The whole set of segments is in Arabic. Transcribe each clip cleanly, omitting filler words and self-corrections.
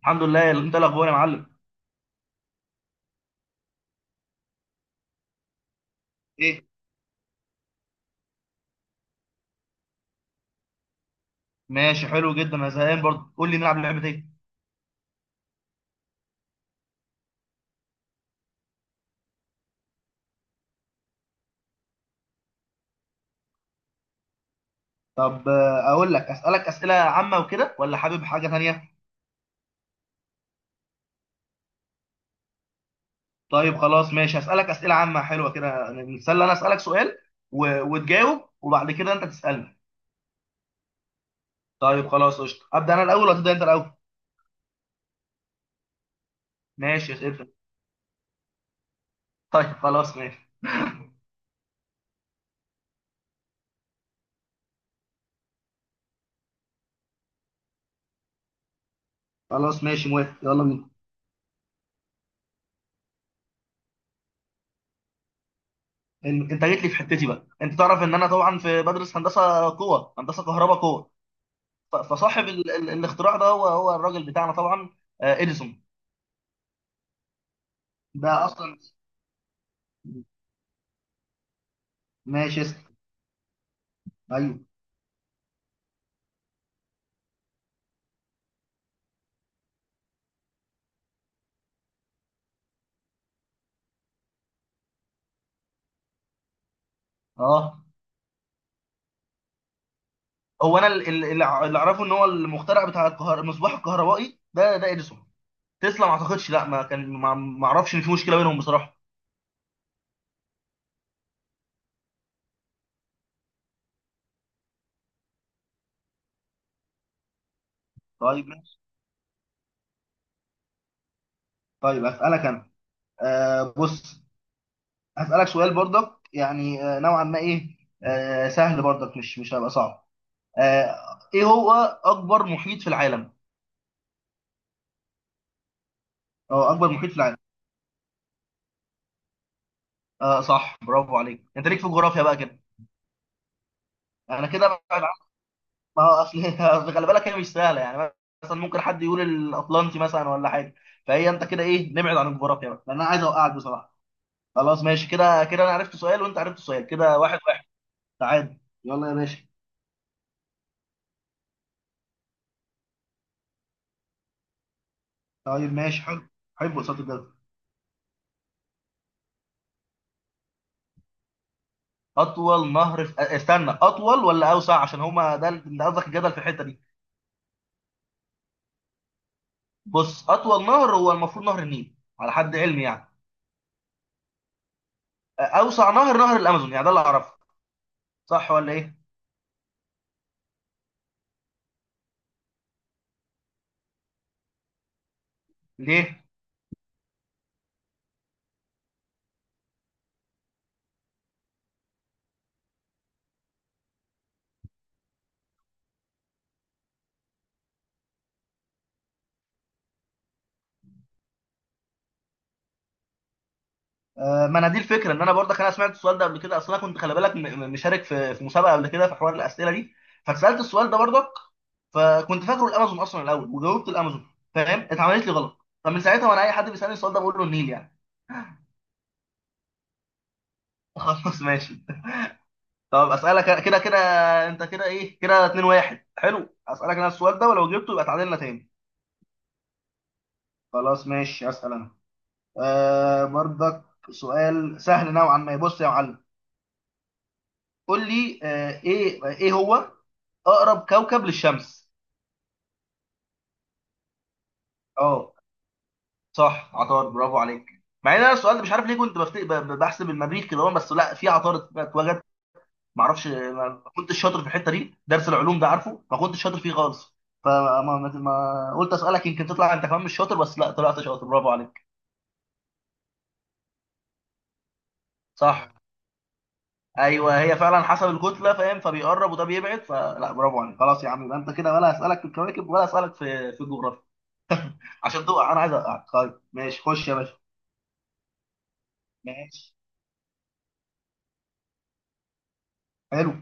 الحمد لله. انت الاخبار يا معلم ايه. ماشي، حلو جدا، انا زهقان برضه. قول لي نلعب لعبه ايه. طب اقول لك اسالك اسئله عامه وكده، ولا حابب حاجه ثانيه؟ طيب خلاص ماشي، اسالك اسئله عامه حلوه كده نتسلى. انا اسالك سؤال وتجاوب، وبعد كده انت تسالني. طيب خلاص قشطه، ابدا انا الاول ولا تبدا انت الاول؟ ماشي اسئله. طيب خلاص ماشي. خلاص ماشي، موافق، يلا بينا. انت جيت لي في حتتي بقى. انت تعرف ان انا طبعا في بدرس هندسه قوه، هندسه كهرباء قوه. فصاحب الاختراع ده هو الراجل بتاعنا طبعا، اديسون. ده اصلا. ماشي اسأل. ايوه. اه. هو انا اللي اعرفه ان هو المخترع بتاع المصباح الكهربائي ده اديسون. تسلا ما اعتقدش، لا ما كان، ما اعرفش ان في مشكله بينهم بصراحه. طيب ماشي. طيب هسألك انا. بص، هسألك سؤال برضك يعني نوعا ما ايه، سهل برضك، مش هيبقى صعب. آه ايه هو اكبر محيط في العالم؟ اه، اكبر محيط في العالم. اه صح، برافو عليك، انت ليك في الجغرافيا بقى كده. انا كده بقى ما هو اصل اصل خلي بالك هي مش سهله يعني. مثلا ممكن حد يقول الاطلنطي مثلا ولا حاجه. فهي انت كده ايه، نبعد عن الجغرافيا بقى لان انا عايز اوقعك بصراحه. خلاص ماشي، كده كده انا عرفت سؤال وانت عرفت سؤال، كده واحد واحد، تعادل. يلا يا باشا. طيب ماشي حلو. حب قصاد الجدل. اطول نهر استنى، اطول ولا اوسع؟ عشان هما ده ده قصدك الجدل في الحته دي. بص، اطول نهر هو المفروض نهر النيل على حد علمي يعني. اوسع نهر، نهر الامازون يعني، ده اللي اعرفه. صح ولا ايه؟ ليه؟ آه، ما انا دي الفكره. ان انا برضك انا سمعت السؤال ده قبل كده. اصل انا كنت خلي بالك مشارك في مسابقه قبل كده، في حوار الاسئله دي. فاتسالت السؤال ده برضك، فكنت فاكره الامازون اصلا الاول وجاوبت الامازون. فاهم؟ اتعملت لي غلط. فمن ساعتها وانا اي حد بيسالني السؤال ده بقول له النيل يعني. خلاص ماشي. طب اسالك كده كده انت كده ايه، كده 2 1. حلو، اسالك انا السؤال ده ولو جبته يبقى تعادلنا تاني. خلاص ماشي، اسال انا. آه برضك، سؤال سهل نوعا ما. بص يا معلم، قول لي ايه. ايه هو اقرب كوكب للشمس؟ اه صح، عطارد، برافو عليك. مع ان انا السؤال ده مش عارف ليه كنت بحسب المريخ كده هو، بس لا في عطارد اتوجد. ما اعرفش، ما كنتش شاطر في الحته دي، درس العلوم ده عارفه، ما كنتش شاطر فيه خالص. فما ما... ما... قلت اسالك يمكن تطلع انت كمان مش شاطر، بس لا طلعت شاطر، برافو عليك. صح، ايوه هي فعلا حسب الكتله فاهم، فبيقرب وده بيبعد، فلا برافو عليك. خلاص يا عم، يبقى انت كده، ولا اسالك في الكواكب ولا اسالك في الجغرافيا؟ عشان تقع، انا عايز اقع. طيب ماشي، خش يا باشا. ماشي حلو.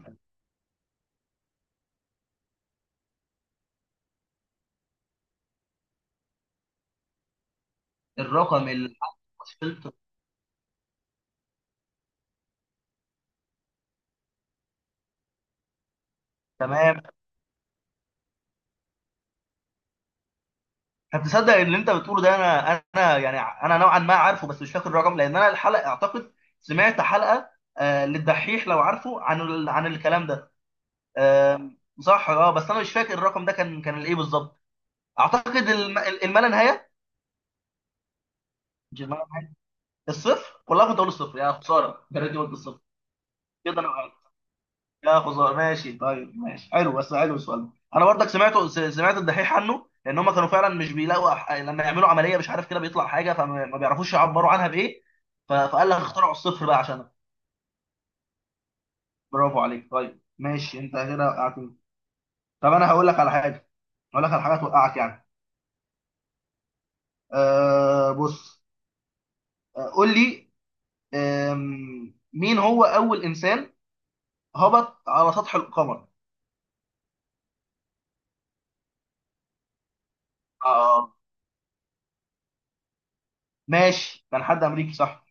الرقم اللي وصلت، تمام. طب تصدق ان انت بتقوله ده انا يعني انا نوعا ما عارفه، بس مش فاكر الرقم، لان انا الحلقه اعتقد سمعت حلقه للدحيح لو عارفه عن الكلام ده. آه صح، اه، بس انا مش فاكر الرقم ده كان الايه بالظبط. اعتقد الما لا نهايه. مش الما لا نهايه، الصفر؟ والله كنت اقول الصفر، يا خساره يا ريتني قلت الصفر. كده انا، يا خزر. ماشي طيب، ماشي حلو، بس حلو السؤال ده. انا برضك سمعته، سمعت الدحيح عنه، لان هم كانوا فعلا مش بيلاقوا لما يعملوا عمليه مش عارف كده بيطلع حاجه، فما ما بيعرفوش يعبروا عنها بايه. فقال لك اخترعوا الصفر بقى عشانها. برافو عليك. طيب ماشي، انت كده وقعتني. طب انا هقول لك على حاجه، هقول لك على حاجه توقعك يعني. أه بص، قول لي مين هو اول انسان هبط على سطح القمر؟ اه، ماشي كان حد امريكي صح.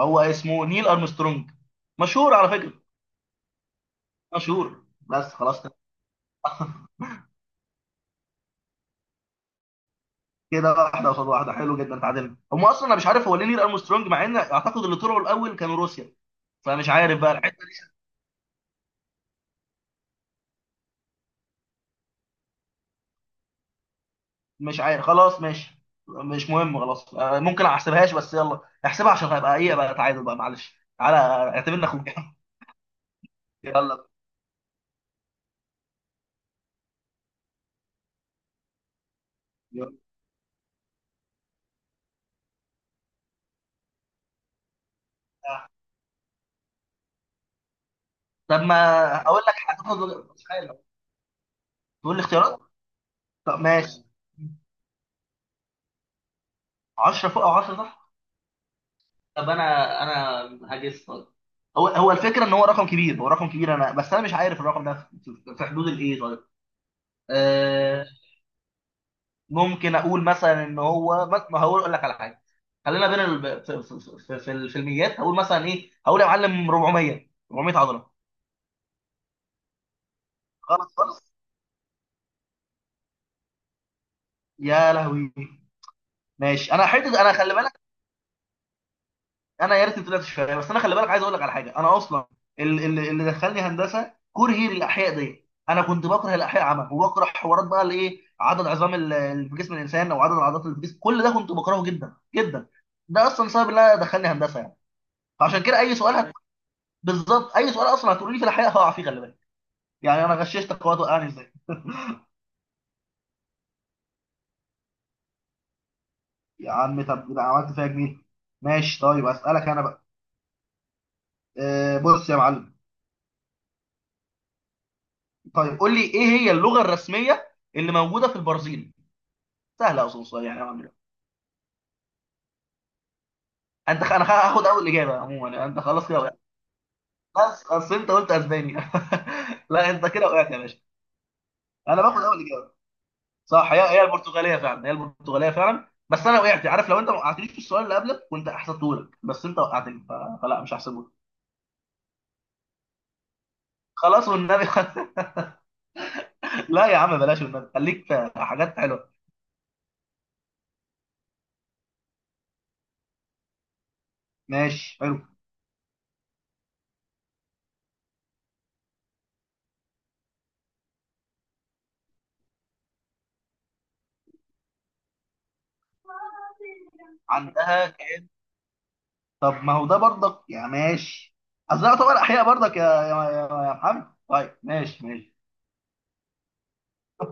هو اسمه نيل ارمسترونج، مشهور على فكره، مشهور بس خلاص. كده واحده قصاد واحده، حلو جدا، اتعادلنا. هم اصلا انا مش عارف هو ليه نيل ارمسترونج، مع ان اعتقد اللي طلعوا الاول كانوا روسيا، فمش عارف بقى الحته دي. مش عارف، خلاص ماشي، مش مهم خلاص. ممكن ما احسبهاش، بس يلا احسبها عشان هبقى ايه بقى، تعادل بقى معلش، تعالى اعتبرنا اخوك. يلا. يلا. طب ما اقول لك هتاخد، مش عارف. تقول لي اختيارات. طب ماشي، 10 فوق او 10 تحت. طب انا، هجس طيب. هو الفكره ان هو رقم كبير، هو رقم كبير، انا بس انا مش عارف الرقم ده في في حدود الايه طيب. آه ممكن اقول مثلا ان هو، ما ما هقول اقول لك على حاجه، خلينا في الميات. هقول مثلا ايه، هقول يا معلم 400، 400 عضله. خلاص خلاص. يا لهوي، ماشي. انا حته، انا خلي بالك، انا يا ريتني طلعت شغال، بس انا خلي بالك عايز اقول لك على حاجه. انا اصلا اللي دخلني هندسه كرهي للاحياء دي. انا كنت بكره الاحياء عامه، وبكره حوارات بقى الايه عدد عظام اللي في جسم الانسان، او عدد العضلات اللي في جسم، كل ده كنت بكرهه جدا جدا. ده اصلا سبب ان انا دخلني هندسه يعني. فعشان كده اي سؤال بالظبط، اي سؤال اصلا هتقولي لي في الاحياء هقع فيه خلي بالك. يعني انا غششتك وقت، وقعني ازاي يا عم. طب ده عملت فيها جميل. ماشي طيب، اسالك انا بقى. أه بص يا معلم. طيب قول لي، ايه هي اللغه الرسميه اللي موجوده في البرازيل؟ سهله اصول شويه يعني نوعاً ما. انا هاخد اول اجابه عموما يعني، انت خلاص كده وقعت. بس اصل انت قلت اسبانيا. لا انت كده وقعت يا باشا. انا باخد اول اجابه. صح، هي البرتغاليه فعلا، هي البرتغاليه فعلا، بس انا وقعت عارف؟ لو انت ما وقعتنيش في السؤال اللي قبلك كنت احسبته لك، بس انت وقعتني فلا مش هحسبه لك. خلاص والنبي. لا يا عم بلاش والنبي، خليك في حاجات حلوه. ماشي حلو. عندها كام؟ طب ما هو ده برضك يا ماشي، اصل ده يعتبر احياء برضك يا محمد. طيب ماشي ماشي.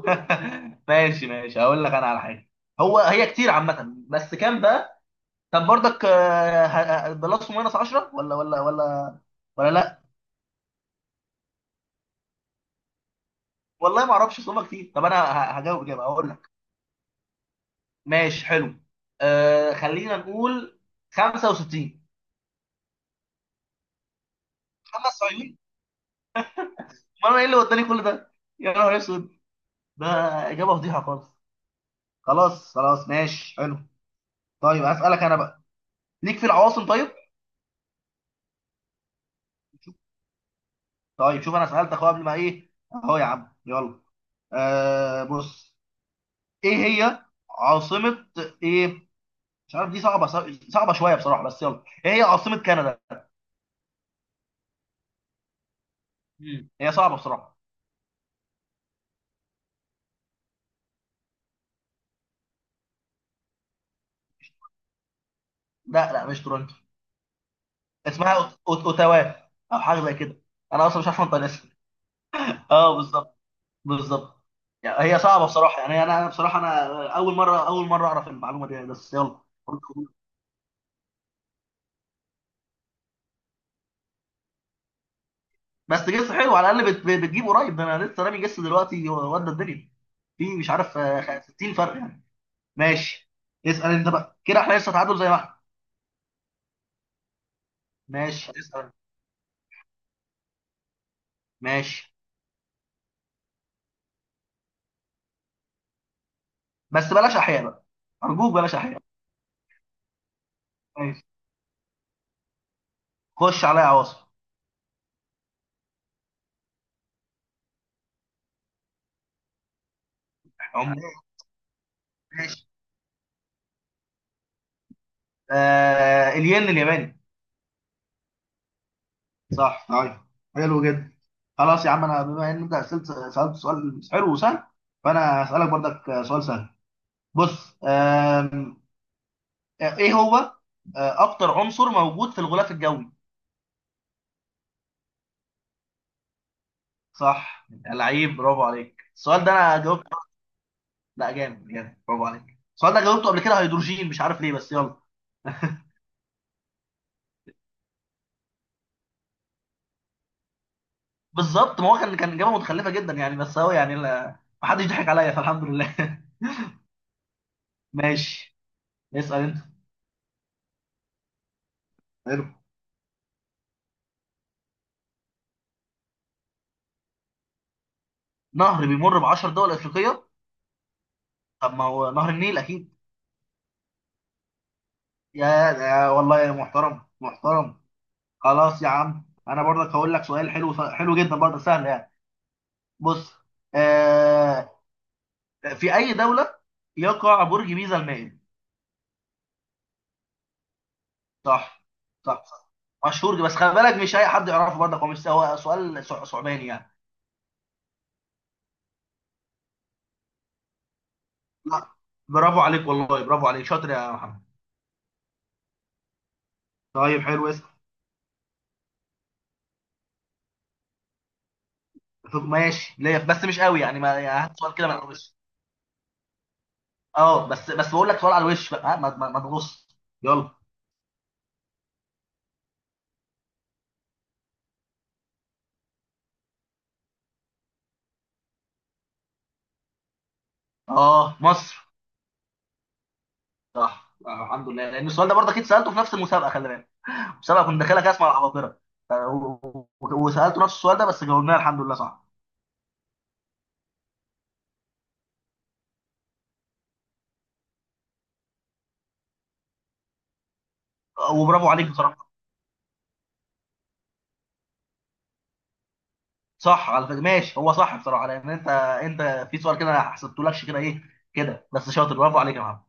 ماشي ماشي، هقول لك انا على حاجه. هو هي كتير عامه، بس كام بقى. طب برضك، ده لص ماينس 10 ولا لا والله ما اعرفش، صوبه كتير. طب انا هجاوب اجابه هقول لك. ماشي حلو. خلينا نقول 65. 75؟ ما انا ايه اللي وداني كل ده، يا نهار اسود، ده اجابه فضيحه خالص. خلاص خلاص، ماشي حلو. طيب اسالك انا بقى، ليك في العواصم طيب؟ طيب شوف انا سالتك اهو قبل ما ايه اهو يا عم، يلا. بص، ايه هي عاصمة، ايه، مش عارف، دي صعبة، صعبة شوية بصراحة، بس يلا. ايه هي عاصمة كندا؟ مم، هي صعبة بصراحة. لا لا، مش تورنتو. اسمها اوتاوا، او حاجة زي كده، انا اصلا مش عارف انطق الاسم. اه بالظبط، بالظبط. يعني هي صعبة بصراحة يعني، انا، أنا بصراحة انا اول مرة، اول مرة اعرف المعلومة دي يعني، بس يلا. بس جس حلو على الاقل، بتجيب قريب، ده انا لسه رامي جس دلوقتي ودى الدنيا في مش عارف 60 فرق يعني. ماشي، اسأل انت بقى، كده احنا لسه تعادل زي ما احنا. ماشي اسأل. ماشي، بس بلاش احياء بقى، ارجوك بلاش احياء. ماشي، خش عليا عواصم. عمال. ماشي. الين الياباني. صح طيب، حلو جدا. خلاص يا عم، انا بما ان انت سألت سألت سؤال حلو وسهل، فانا هسألك برضك سؤال سهل. بص ايه هو، اكتر عنصر موجود في الغلاف الجوي؟ صح، لعيب، برافو عليك، السؤال ده انا جاوبته. لا جامد جامد، برافو عليك، السؤال ده جاوبته قبل كده هيدروجين، مش عارف ليه، بس يلا. بالظبط، ما هو كان، إجابة متخلفة جدا يعني، بس هو يعني ما حدش ضحك عليا فالحمد لله. ماشي. اسأل أنت. حلو. نهر بيمر ب 10 دول أفريقية، طب ما هو نهر النيل أكيد. يا والله يا محترم محترم. خلاص يا عم، أنا برضك هقول لك سؤال حلو، حلو جدا برضه سهل يعني. بص آه في أي دولة يقع برج بيزا المائل؟ صح صح صح، مشهور، بس خلي بالك مش أي حد يعرفه برضك، هو مش هو سؤال صعباني يعني. لا، برافو عليك والله، برافو عليك، شاطر يا محمد. طيب حلو، اسال. ماشي ليا، بس مش قوي يعني، ما يعني هات سؤال كده من على الوش. اه بس بس، بقول لك سؤال على الوش بقى ها، ما تغص. يلا. اه مصر. صح، الحمد لله، لان السؤال ده برضه اكيد سالته في نفس المسابقه خلي بالك. المسابقه كنت داخلها كده اسمع العباقره، ف- و- وسالته نفس السؤال ده بس جاوبناه الحمد لله صح. وبرافو عليك بصراحه. صح على فكره، ماشي، هو صح بصراحه، لان انت، انت في سؤال كده ما حسبتهولكش، كده ايه كده، بس شاطر برافو عليك يا محمد.